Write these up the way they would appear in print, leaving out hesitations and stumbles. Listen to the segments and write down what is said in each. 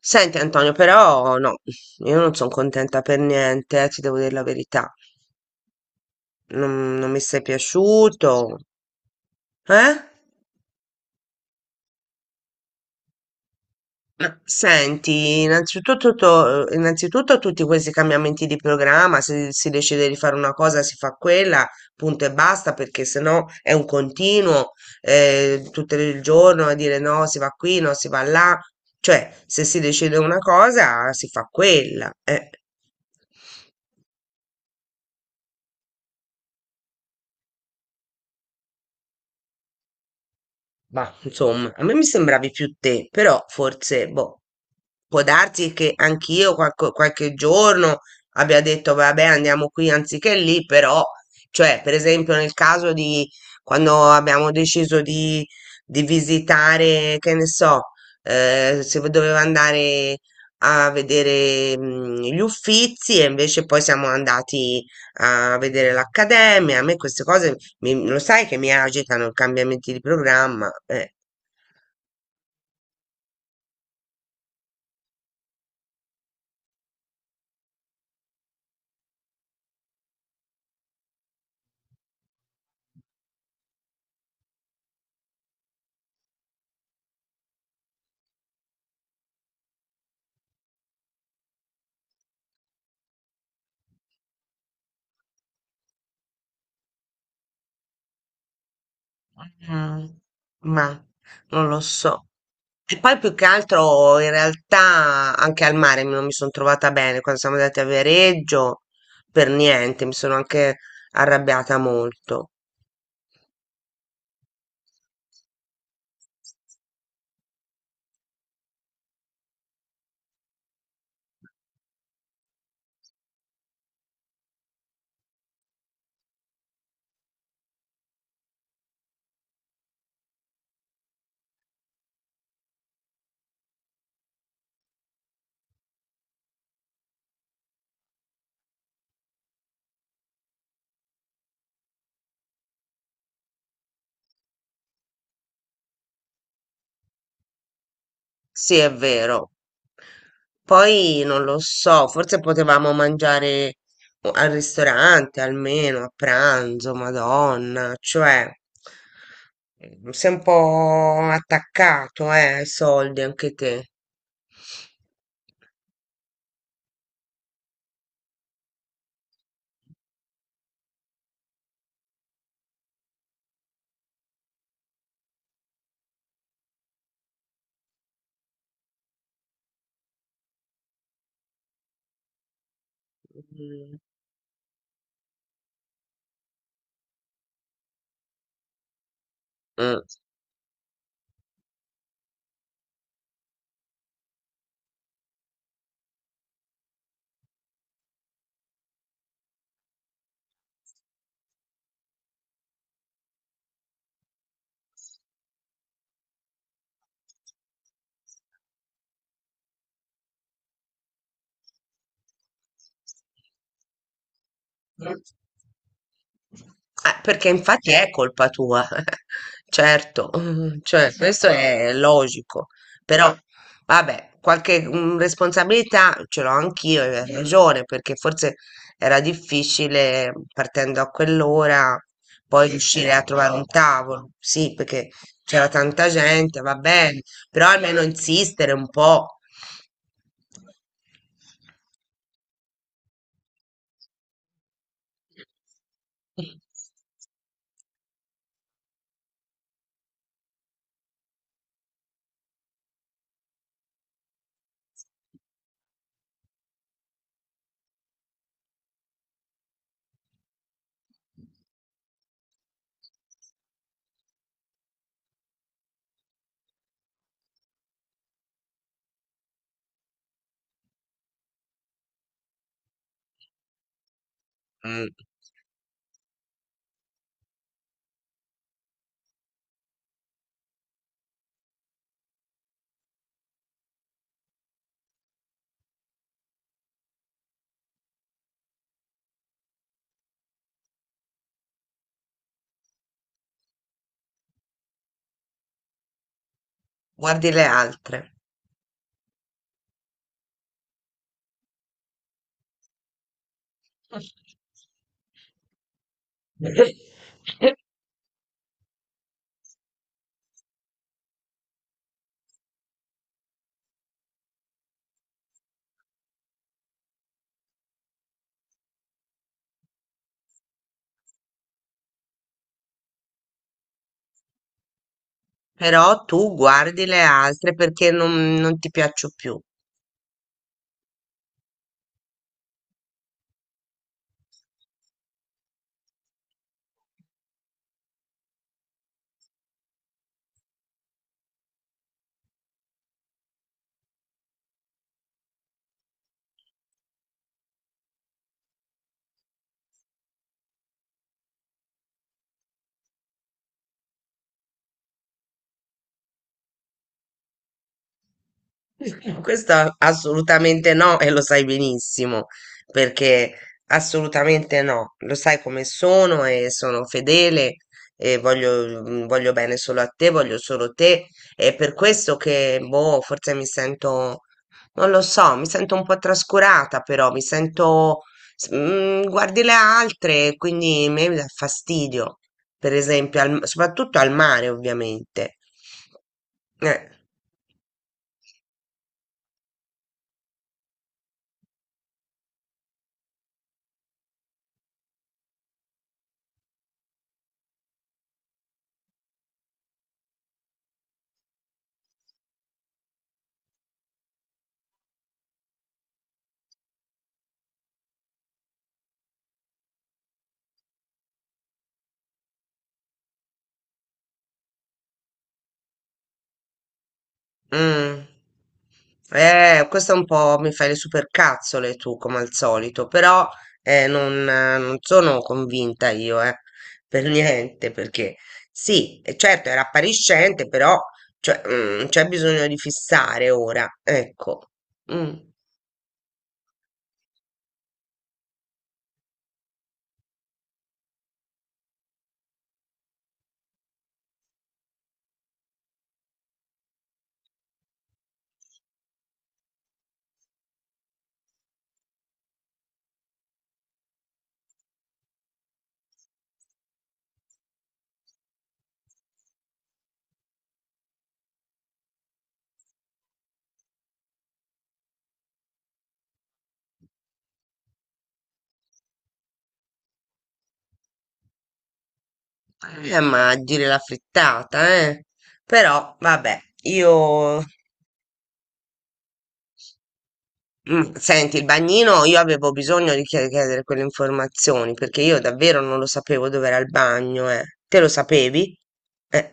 Senti Antonio, però no, io non sono contenta per niente, ti devo dire la verità. Non mi sei piaciuto, eh? Ma senti, innanzitutto tutti questi cambiamenti di programma, se si decide di fare una cosa si fa quella, punto e basta, perché sennò è un continuo, tutto il giorno a dire no, si va qui, no, si va là. Cioè, se si decide una cosa si fa quella, eh. Ma insomma, a me mi sembravi più te, però forse, boh, può darsi che anch'io qualche giorno abbia detto, vabbè, andiamo qui anziché lì, però, cioè, per esempio, nel caso di quando abbiamo deciso di visitare, che ne so, se doveva andare a vedere, gli Uffizi e invece poi siamo andati a vedere l'Accademia, a me queste cose lo sai che mi agitano i cambiamenti di programma? Mm, ma non lo so. E poi più che altro in realtà anche al mare non mi sono trovata bene quando siamo andati a Viareggio, per niente, mi sono anche arrabbiata molto. Sì, è vero. Poi non lo so, forse potevamo mangiare al ristorante almeno a pranzo, Madonna, cioè sei un po' attaccato, ai soldi anche te. Mm. Mm. Perché infatti è colpa tua, certo, cioè questo è logico, però vabbè, qualche responsabilità ce l'ho anch'io, e hai ragione, perché forse era difficile partendo a quell'ora poi riuscire a trovare un tavolo, sì, perché c'era tanta gente, va bene, però almeno insistere un po'. Mm, Guardi le altre. Però tu guardi le altre perché non ti piaccio più. Questo assolutamente no, e lo sai benissimo, perché assolutamente no, lo sai come sono e sono fedele e voglio bene solo a te, voglio solo te, e per questo che, boh, forse mi sento, non lo so, mi sento un po' trascurata, però mi sento, guardi le altre, quindi mi dà fastidio, per esempio, soprattutto al mare, ovviamente. Eh. Mm. Questo un po' mi fai le supercazzole tu, come al solito, però non sono convinta io, per niente, perché sì, certo era appariscente, però cioè, c'è bisogno di fissare ora, ecco. Mm. Ma a dire la frittata, eh. Però vabbè, io. Senti, il bagnino, io avevo bisogno di chiedere quelle informazioni perché io davvero non lo sapevo dove era il bagno, eh. Te lo sapevi? Eh.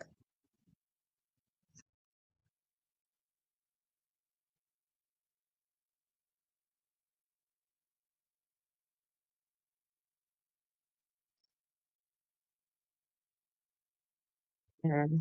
Eh.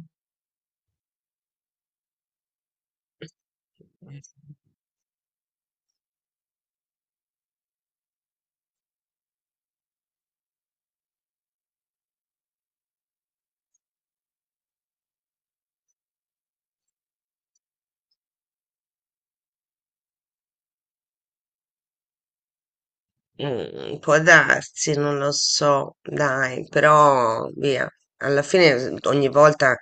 Può darsi, non lo so, dai, però via, alla fine ogni volta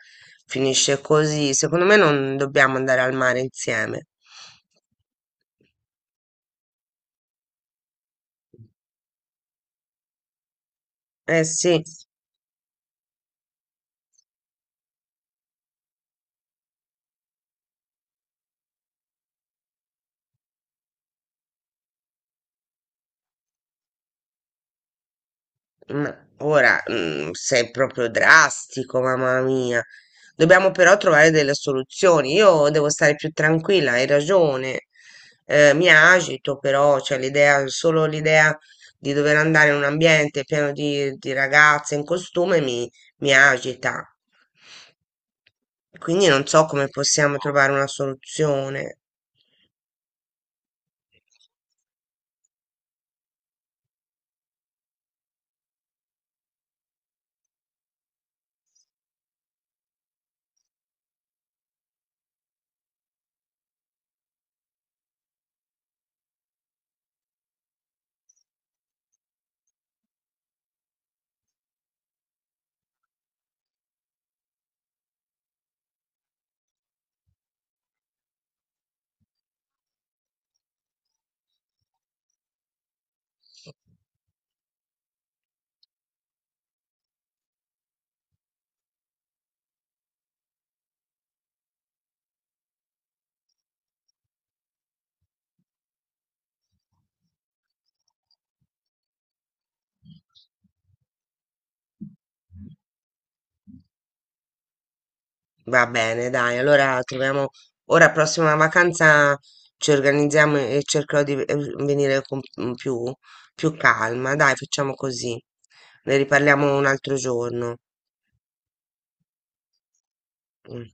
finisce così. Secondo me non dobbiamo andare al mare insieme. Eh sì. Ma ora, sei proprio drastico, mamma mia. Dobbiamo però trovare delle soluzioni. Io devo stare più tranquilla, hai ragione. Mi agito però, cioè l'idea, solo l'idea di dover andare in un ambiente pieno di, ragazze in costume mi agita. Quindi non so come possiamo trovare una soluzione. Va bene, dai, allora troviamo ora prossima vacanza ci organizziamo e cercherò di venire con più calma. Dai, facciamo così. Ne riparliamo un altro giorno. Mm.